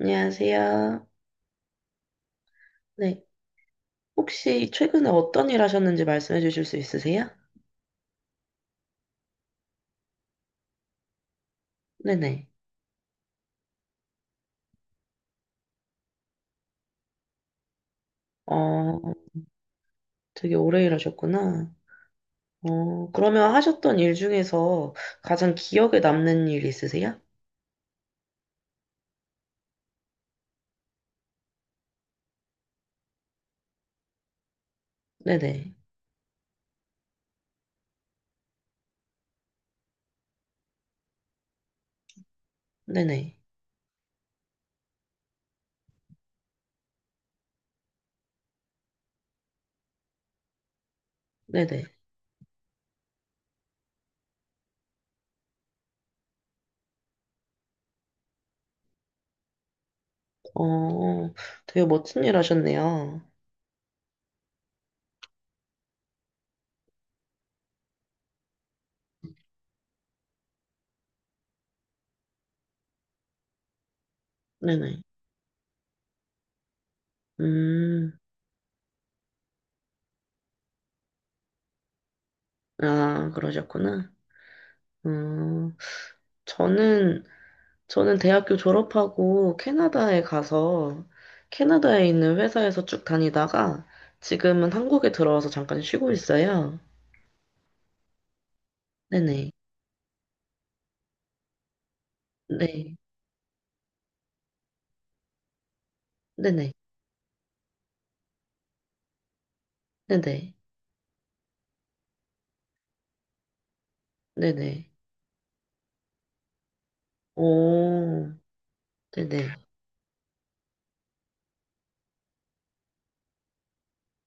안녕하세요. 네. 혹시 최근에 어떤 일 하셨는지 말씀해 주실 수 있으세요? 네네. 어, 되게 오래 일하셨구나. 그러면 하셨던 일 중에서 가장 기억에 남는 일 있으세요? 네네. 네네. 네네. 어, 되게 멋진 일 하셨네요. 네네. 음, 아, 그러셨구나. 음, 저는 저는 대학교 졸업하고 캐나다에 가서 캐나다에 있는 회사에서 쭉 다니다가 지금은 한국에 들어와서 잠깐 쉬고 있어요. 네네. 네. 네네. 네네. 네네. 오. 네네.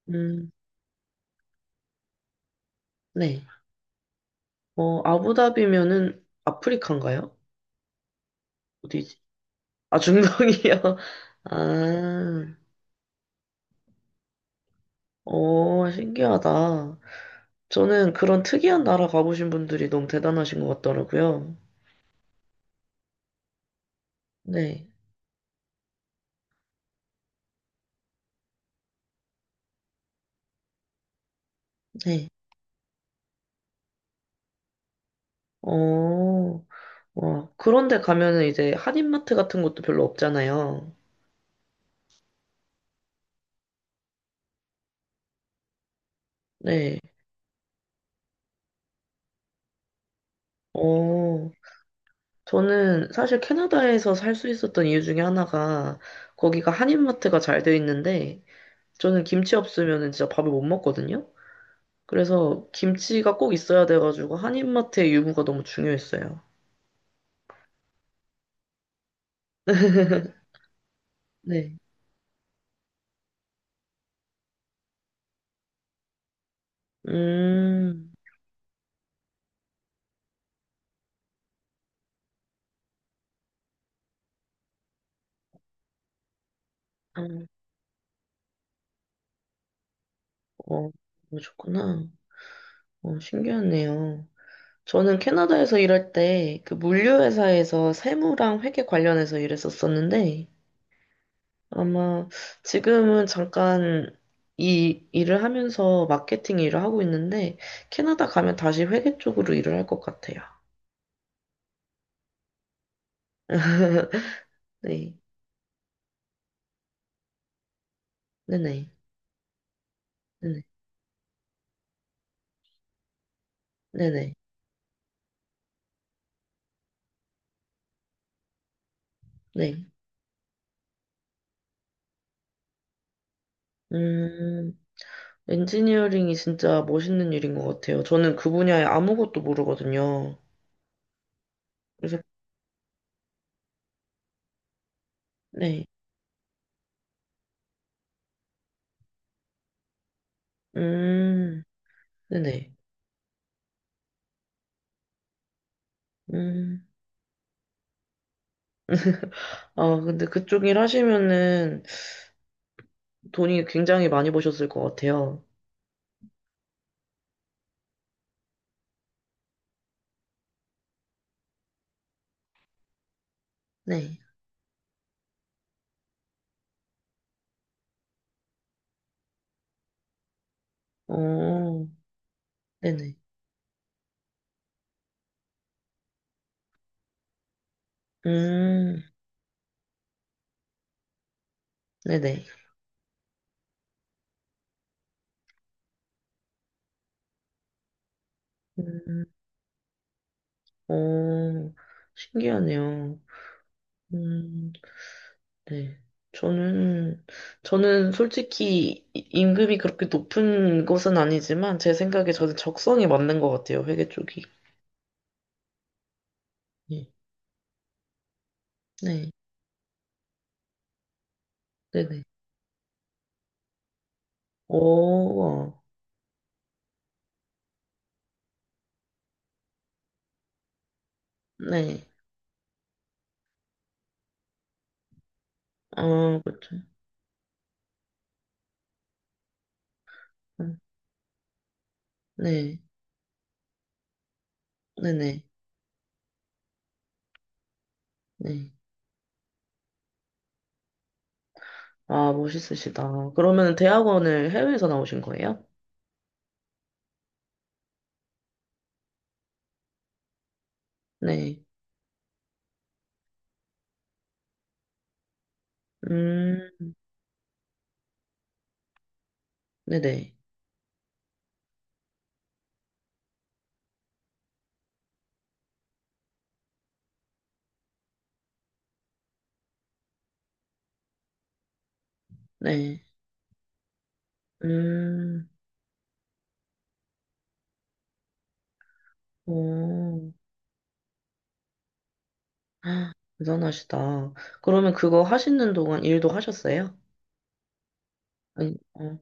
음. 네. 어, 아부다비면은 아프리카인가요? 어디지? 아, 중동이요. 아. 오, 신기하다. 저는 그런 특이한 나라 가보신 분들이 너무 대단하신 것 같더라고요. 네. 네. 어, 와. 그런데 가면은 이제 한인마트 같은 것도 별로 없잖아요. 네. 어, 저는 사실 캐나다에서 살 수 있었던 이유 중에 하나가 거기가 한인마트가 잘 돼 있는데 저는 김치 없으면은 진짜 밥을 못 먹거든요. 그래서 김치가 꼭 있어야 돼가지고 한인마트의 유무가 너무 중요했어요. 네. 음, 어, 어, 그러셨구나. 어, 신기하네요. 저는 캐나다에서 일할 때 그 물류회사에서 세무랑 회계 관련해서 일했었었는데 아마 지금은 잠깐 이 일을 하면서 마케팅 일을 하고 있는데 캐나다 가면 다시 회계 쪽으로 일을 할 것 같아요. 네, 네네, 네네, 네네, 네. 음, 엔지니어링이 진짜 멋있는 일인 것 같아요. 저는 그 분야에 아무것도 모르거든요. 그래서, 네, 음, 네네, 음. 아, 근데 그쪽 일 하시면은 돈이 굉장히 많이 버셨을 것 같아요. 네. 어, 네네. 음, 네네. 음, 어, 신기하네요. 음, 네. 저는, 저는 솔직히 임금이 그렇게 높은 것은 아니지만 제 생각에 저는 적성이 맞는 것 같아요. 회계 쪽이. 예. 네. 네네. 오, 네. 아, 그렇죠. 음, 네. 네네. 네. 아, 멋있으시다. 그러면 대학원을 해외에서 나오신 거예요? 네. 음, 네네. 네. 음, 오. 아, 대단하시다. 그러면 그거 하시는 동안 일도 하셨어요? 아니, 어.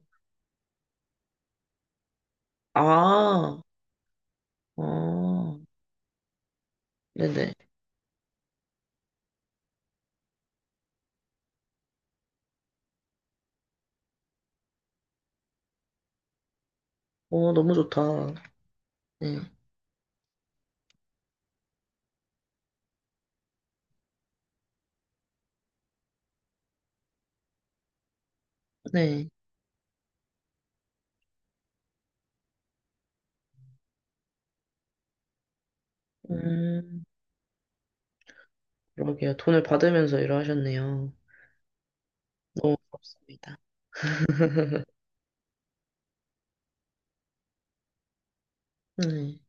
아, 아. 네네. 어, 너무 좋다. 네. 네. 음, 그러게요. 돈을 받으면서 일을 하셨네요. 너무 부럽습니다. 네.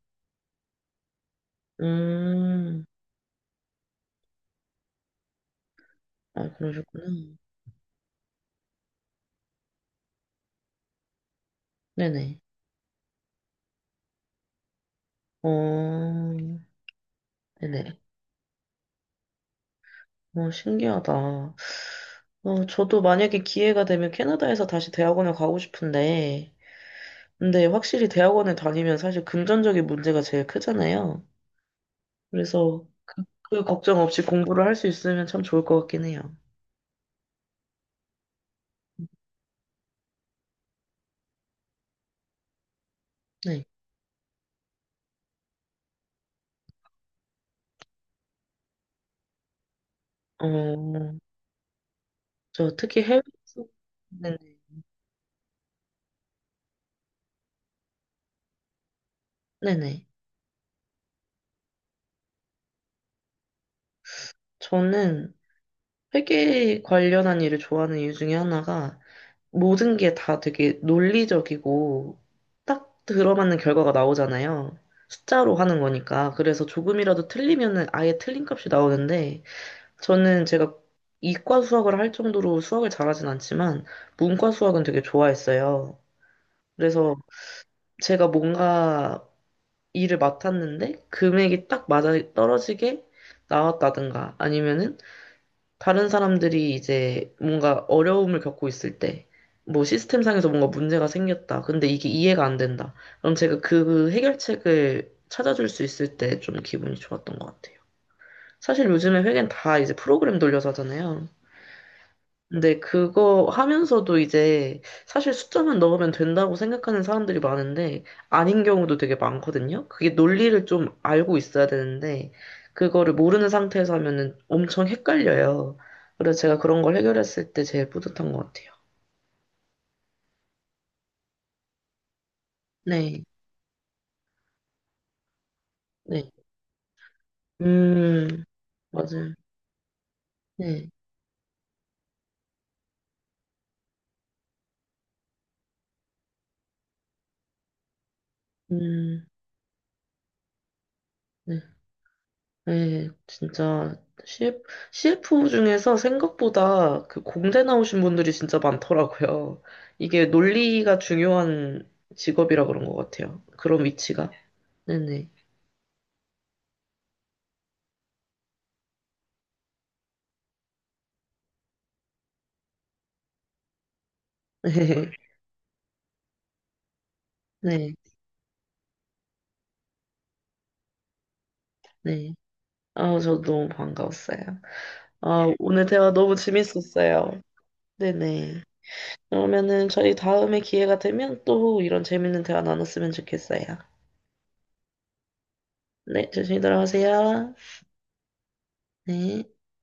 음, 아, 그러셨구나. 네네. 어, 네네. 어, 신기하다. 어, 저도 만약에 기회가 되면 캐나다에서 다시 대학원을 가고 싶은데, 근데 확실히 대학원을 다니면 사실 금전적인 문제가 제일 크잖아요. 그래서 그 걱정 없이 공부를 할 수 있으면 참 좋을 것 같긴 해요. 네. 어, 저 특히 해외에서, 네네. 네네. 저는 회계 관련한 일을 좋아하는 이유 중에 하나가 모든 게 다 되게 논리적이고 딱 들어맞는 결과가 나오잖아요. 숫자로 하는 거니까. 그래서 조금이라도 틀리면은 아예 틀린 값이 나오는데 저는 제가 이과 수학을 할 정도로 수학을 잘하진 않지만 문과 수학은 되게 좋아했어요. 그래서 제가 뭔가 일을 맡았는데 금액이 딱 맞아 떨어지게 나왔다든가 아니면은 다른 사람들이 이제 뭔가 어려움을 겪고 있을 때, 뭐 시스템상에서 뭔가 문제가 생겼다. 근데 이게 이해가 안 된다. 그럼 제가 그 해결책을 찾아줄 수 있을 때 좀 기분이 좋았던 것 같아요. 사실 요즘에 회계는 다 이제 프로그램 돌려서 하잖아요. 근데 그거 하면서도 이제 사실 숫자만 넣으면 된다고 생각하는 사람들이 많은데 아닌 경우도 되게 많거든요. 그게 논리를 좀 알고 있어야 되는데 그거를 모르는 상태에서 하면은 엄청 헷갈려요. 그래서 제가 그런 걸 해결했을 때 제일 뿌듯한 것 같아요. 네, 네. 음, 맞아요. 네, 음, 네. 네, 진짜 CF, CF 중에서 생각보다 그 공대 나오신 분들이 진짜 많더라고요. 이게 논리가 중요한 직업이라 그런 것 같아요. 그런 위치가. 네네. 네, 네, 네. 아, 저 너무 반가웠어요. 아, 오늘 대화 너무 재밌었어요. 네네. 그러면은 저희 다음에 기회가 되면 또 이런 재밌는 대화 나눴으면 좋겠어요. 네, 조심히 들어가세요. 네.